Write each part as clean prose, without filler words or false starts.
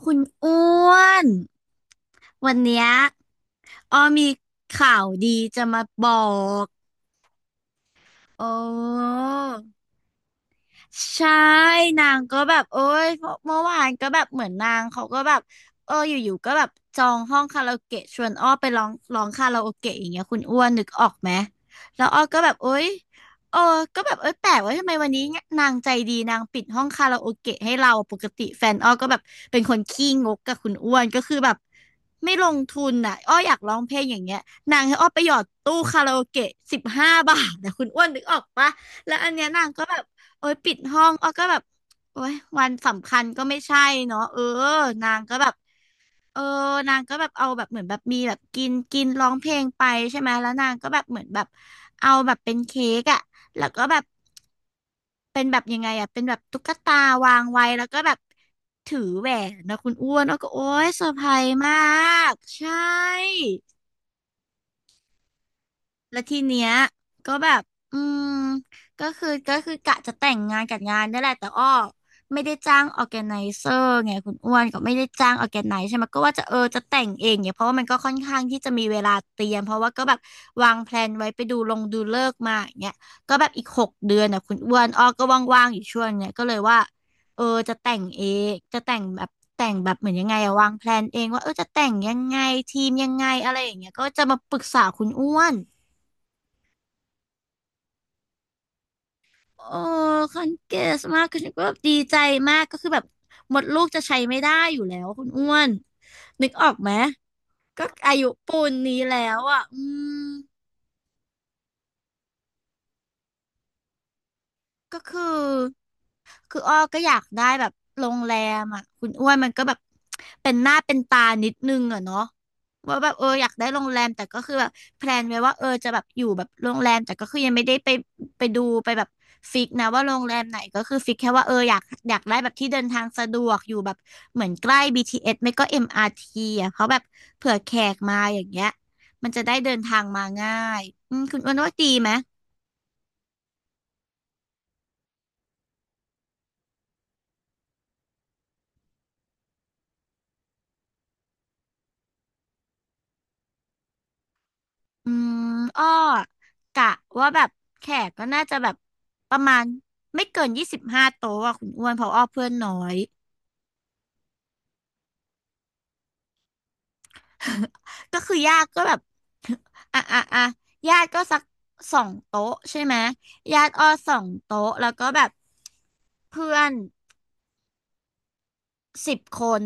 คุณอ้วน วันเนี้ยอ้อมีข่าวดีจะมาบอกโอ้ ใช่นางก็แบบโอ้ยเมื่อวานก็แบบเหมือนนางเขาก็แบบเอออยู่ๆก็แบบจองห้องคาราโอเกะชวนอ้อไปร้องคาราโอเกะอย่างเงี้ยคุณอ้วนนึกออกไหมแล้วอ้อก็แบบโอ้ยเออก็แบบเอ้ยแปลกว่าทำไมวันนี้นางใจดีนางปิดห้องคาราโอเกะให้เราปกติแฟนอ้อก็แบบเป็นคนขี้งกกับคุณอ้วนก็คือแบบไม่ลงทุนอ่ะอ้ออยากร้องเพลงอย่างเงี้ยนางให้อ้อไปหยอดตู้คาราโอเกะสิบห้าบาทนะคุณอ้วนนึกออกปะแล้วอันเนี้ยนางก็แบบ โอ๊ยปิดห้องอ้อก็แบบโอ๊ยวันสำคัญก็ไม่ใช่เนาะเออนางก็แบบเออนางก็แบบเอาแบบเหมือนแบบมีแบบกินกินร้องเพลงไปใช่ไหมแล้วนางก็แบบเหมือนแบบเอาแบบเป็นเค้กอะแล้วก็แบบเป็นแบบยังไงอะเป็นแบบตุ๊กตาวางไว้แล้วก็แบบถือแหวนนะคุณอ้วนอ้อก็โอ๊ยเซอร์ไพรส์มากใช่ แล้วทีเนี้ยก็แบบอืม ก็คือกะจะแต่งงานกับงานนี่แหละแต่อ้อไม่ได้จ้างออแกไนเซอร์ไงคุณอ้วนก็ไม่ได้จ้างออแกไนซ์ใช่ไหม ก็ว่าจะเออจะแต่งเองเนี่ยเพราะว่ามันก็ค่อนข้างที่จะมีเวลาเตรียม เพราะว่าก็แบบวางแพลนไว้ไปดูลงดูเลิกษ์มาอย่างเงี้ยก็แบบอีกหกเดือนนะคุณอ้วนอ้อก็ว่างๆอยู่ช่วงเนี้ยก็เลยว่าเออจะแต่งเองจะแต่งแบบแต่งแบบเหมือนยังไงอะวางแพลนเองว่าเออจะแต่งยังไงทีมยังไงอะไรอย่างเงี้ยก็จะมาปรึกษาคุณอ้วน โอ้คันเกสมากคือฉันก็แบบดีใจมากก็คือแบบหมดลูกจะใช้ไม่ได้อยู่แล้วคุณอ้วนนึกออกไหมก็อายุปูนนี้แล้วอ่ะอืมก็คือ คืออ้อก็อยากได้แบบโรงแรมอ่ะคุณอ้วนมันก็แบบเป็นหน้าเป็นตานิดนึงอ่ะเนาะว่าแบบเอออยากได้โรงแรมแต่ก็คือแบบแพลนไว้ว่าเออจะแบบอยู่แบบโรงแรมแต่ก็คือยังไม่ได้ไปดูไปแบบฟิกนะว่าโรงแรมไหนก็คือฟิกแค่ว่าเอออยากได้แบบที่เดินทางสะดวกอยู่แบบเหมือนใกล้ BTS ไม่ก็ MRT อมอาร์ทีอ่ะเพราะแบบเผื่อแขกมาอย่างเงี้ยมันจะได้เดินทางมาง่ายอืมคุณอ้วนว่าดีไหม อืมอ้อกะว่าแบบแขกก็น่าจะแบบประมาณไม่เกินยี่สิบห้าโต๊ะอะคุณอ้วนเพราะอ้อเพื่อนน้อย ก็คือญาติก็แบบ อ่ะอ่ะอ่ะญาติก็สักสองโต๊ะใช่ไหมญาติอ้อสองโต๊ะแล้วก็แบบเพื่อนสิบคน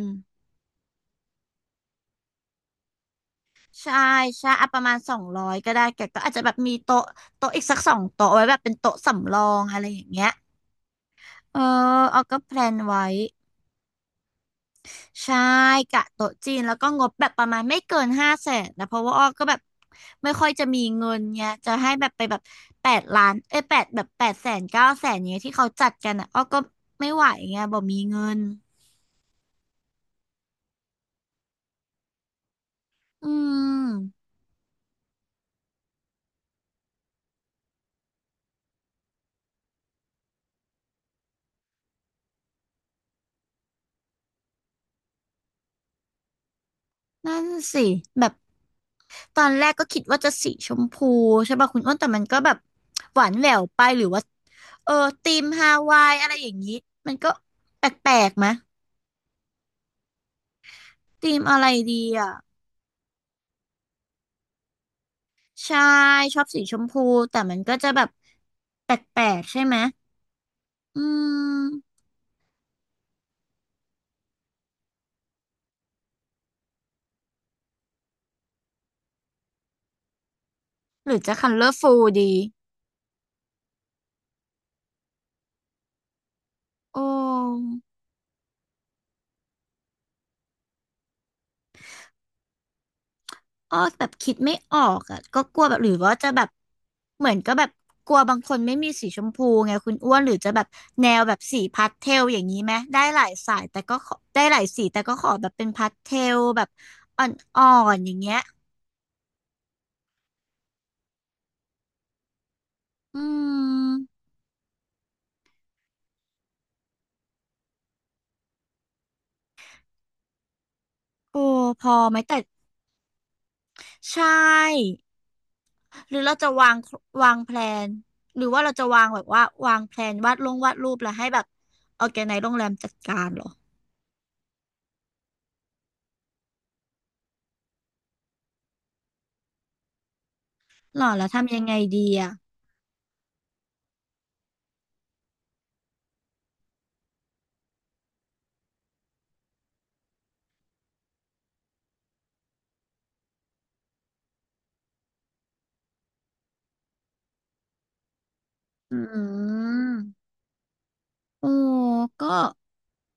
ใช่ใช่อ่ะประมาณสองร้อยก็ได้แกก็อาจจะแบบมีโต๊ะอีกสักสองโต๊ะไว้แบบเป็นโต๊ะสำรองอะไรอย่างเงี้ยเออเอาก็แพลนไว้ ใช่กะโต๊ะจีนแล้วก็งบแบบประมาณไม่เกินห้าแสนนะเพราะว่าอ้อก็แบบไม่ค่อยจะมีเงินไงจะให้แบบไปแบบแปดล้านเอ้ยแปดแบบแปดแสนเก้าแสนเนี้ยที่เขาจัดกันอ่ะอ้อก็ไม่ไหวไงบ่มีเงินอืมนั่นสิแบบตอนแรกก็คิดว่าจะสีชมพูใช่ป่ะคุณอ้นแต่มันก็แบบหวานแหววไปหรือว่าเออธีมฮาวายอะไรอย่างนี้มันก็แปลกๆมะธีมอะไรดีอ่ะ ใช่ชอบสีชมพูแต่มันก็จะแบบแปลกๆใช่ไหมอืมหรือจะ colorful ดีโอ้อ้อแบบคิดไม่ออกอ่ะก็กลัวแบบหรือว่าจะแบบเหมือนก็แบบกลัวบางคนไม่มีสีชมพูไงคุณอ้วนหรือจะแบบแนวแบบสีพาสเทลอย่างนี้ไหมได้หลายสายแต่ก็ขอได้หลายสีแต่ก็ขอแบบเป็นพาสเทลแบบอ่อนๆอย่างเงี้ยอืมโอ้พอไหมแต่ใช่ หรือเราจะวางแพลนหรือว่าเราจะวางแบบว่าวางแพลนวาดลงวาดรูปแล้วให้แบบออร์แกไนซ์โรงแรมจัดการเหรอหรอแล้วทำยังไงดีอ่ะอืมโอ้ก็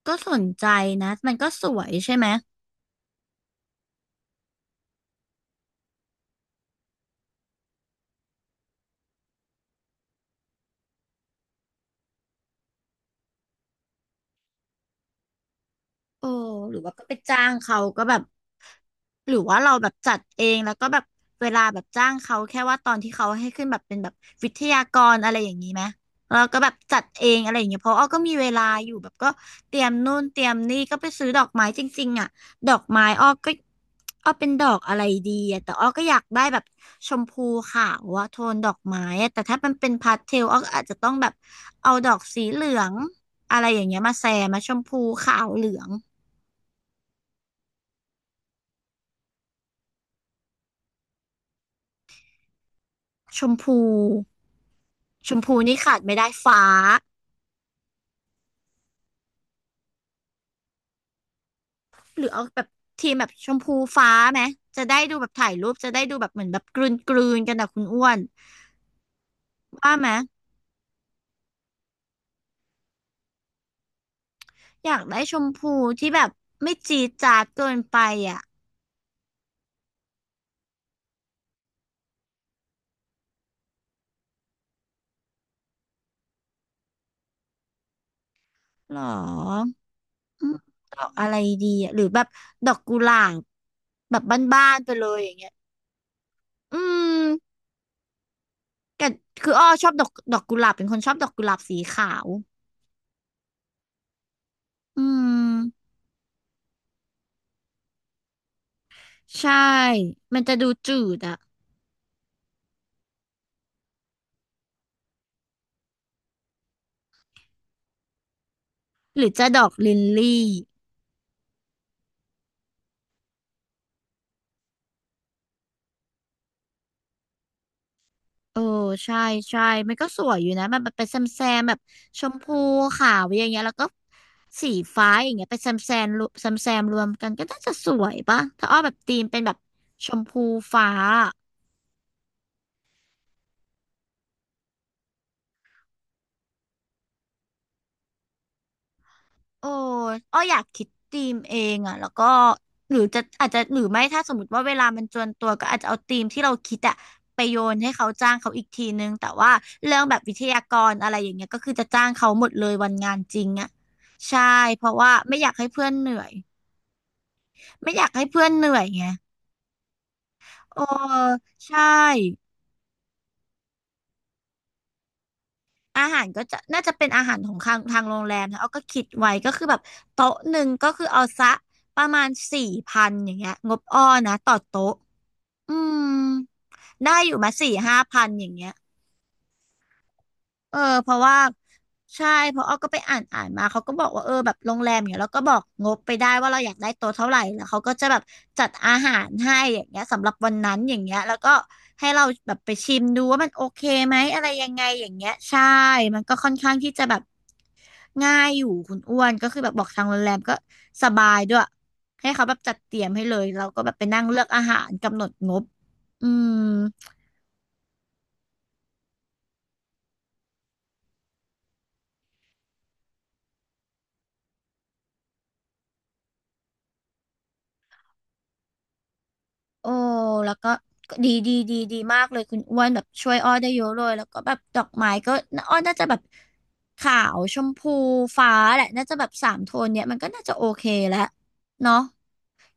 ก็สนใจนะมันก็สวยใช่ไหม โอ้หรือว่าก็ไปจ้างเขาก็แบบหรือว่าเราแบบจัดเองแล้วก็แบบเวลาแบบจ้างเขาแค่ว่าตอนที่เขาให้ขึ้นแบบเป็นแบบวิทยากรอะไรอย่างนี้ไหมแล้วก็แบบจัดเองอะไรอย่างเงี้ยเพราะอ้อก็มีเวลาอยู่แบบก็เตรียมนู่นเตรียมนี่ก็ไปซื้อดอกไม้จริงๆอ่ะดอกไม้อ้อก็อ้อเป็นดอกอะไรดีอะแต่อ้อก็อยากได้แบบชมพูขาวอะโทนดอกไม้อะแต่ถ้ามันเป็นพาสเทลอ้อก็อาจจะต้องแบบเอาดอกสีเหลืองอะไรอย่างเงี้ยมาแซมมาชมพูขาวเหลือง ชมพูชมพูนี่ขาดไม่ได้ฟ้าหรือเอาแบบทีมแบบชมพูฟ้าไหมจะได้ดูแบบถ่ายรูปจะได้ดูแบบเหมือนแบบกลืนกลืนกันนะคุณอ้วนว่าไหมอยากได้ชมพูที่แบบไม่จี๊ดจ๊าดเกินไปอ่ะหรออืมดอกอะไรดีอ่ะหรือแบบดอกกุหลาบแบบบ้านๆไปเลยอย่างเงี้ยอืมกัคืออ้อชอบดอกกุหลาบเป็นคนชอบดอกกุหลาบสีขาวอืมใช่มันจะดูจืดอะ หรือจะดอกลิลลี่เออใช่ ใช่ มันก็สวยอยู่นะ มันแบบเป็นแซมแซมแบบชมพูขาวอย่างเงี้ยแล้วก็สีฟ้าอย่างเงี้ยเป็นแซมแซมรวมแซมแซมรวมกันก็น่าจะสวยป่ะถ้าอ้อแบบธีมเป็นแบบชมพูฟ้า โอ้อ้ออยากคิดธีมเองอ่ะแล้วก็หรือจะอาจจะหรือไม่ถ้าสมมติว่าเวลามันจวนตัวก็อาจจะเอาธีมที่เราคิดอะไปโยนให้เขาจ้างเขาอีกทีนึง แต่ว่าเรื่องแบบวิทยากรอะไรอย่างเงี้ยก็คือจะจ้างเขาหมดเลยวันงานจริงอ่ะใช่ เพราะว่าไม่อยากให้เพื่อนเหนื่อย ไม่อยากให้เพื่อนเหนื่อยไงโอ้ใช่อาหารก็จะน่าจะเป็นอาหารของทางโรงแรมนะเอาก็คิดไว้ก็คือแบบโต๊ะหนึ่งก็คือเอาซะประมาณ4,000อย่างเงี้ยงบอ้อนะต่อโต๊ะ อืมได้อยู่มา4,000-5,000อย่างเงี้ยเออเพราะว่าใช่เพราะอ้อก็ไปอ่านอ่านมาเขาก็บอกว่าเออแบบโรงแรมอย่างเงี้ยแล้วก็บอกงบไปได้ว่าเราอยากได้โต๊ะเท่าไหร่แล้วเขาก็จะแบบจัดอาหารให้อย่างเงี้ยสำหรับวันนั้นอย่างเงี้ยแล้วก็ให้เราแบบไปชิมดูว่ามันโอเคไหมอะไรยังไงอย่างเงี้ยใช่มันก็ค่อนข้างที่จะแบบง่ายอยู่คุณอ้วนก็คือแบบบอกทางโรงแรมก็สบายด้วยให้เขาแบบจัดเตรียมให้เลยเราก็แบบไปนั่งเลือกอาหารกำหนดงบอืม โอ้แล้วก็ดีดีดีดีมากเลยคุณอ้วนแบบช่วยอ้อได้เยอะเลยแล้วก็แบบดอกไม้ก็อ้อน่าจะแบบขาวชมพูฟ้าแหละน่าจะแบบสามโทนเนี่ยมันก็น่าจะโอเคแล้วเนาะ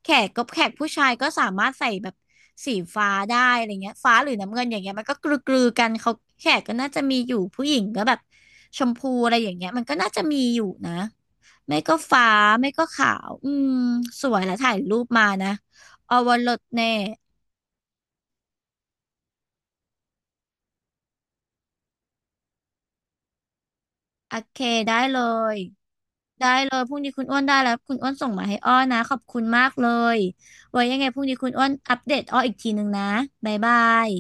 แขกก็แขกผู้ชายก็สามารถใส่แบบสีฟ้าได้อะไรเงี้ยฟ้าหรือน้ำเงินอย่างเงี้ยมันก็กลือๆกันเขาแขกก็น่าจะมีอยู่ผู้หญิงก็แบบชมพูอะไรอย่างเงี้ยมันก็น่าจะมีอยู่นะไม่ก็ฟ้าไม่ก็ขาวอืมสวยแล้วถ่ายรูปมานะอวรสแน่ โอเคได้เลยได้เลยพรุ่งนี้คุณอ้วนได้แล้วคุณอ้วนส่งมาให้อ้อนะขอบคุณมากเลยไว้ยังไงพรุ่งนี้คุณอ้วนอัปเดตอ้ออีกทีหนึงนะบ๊ายบาย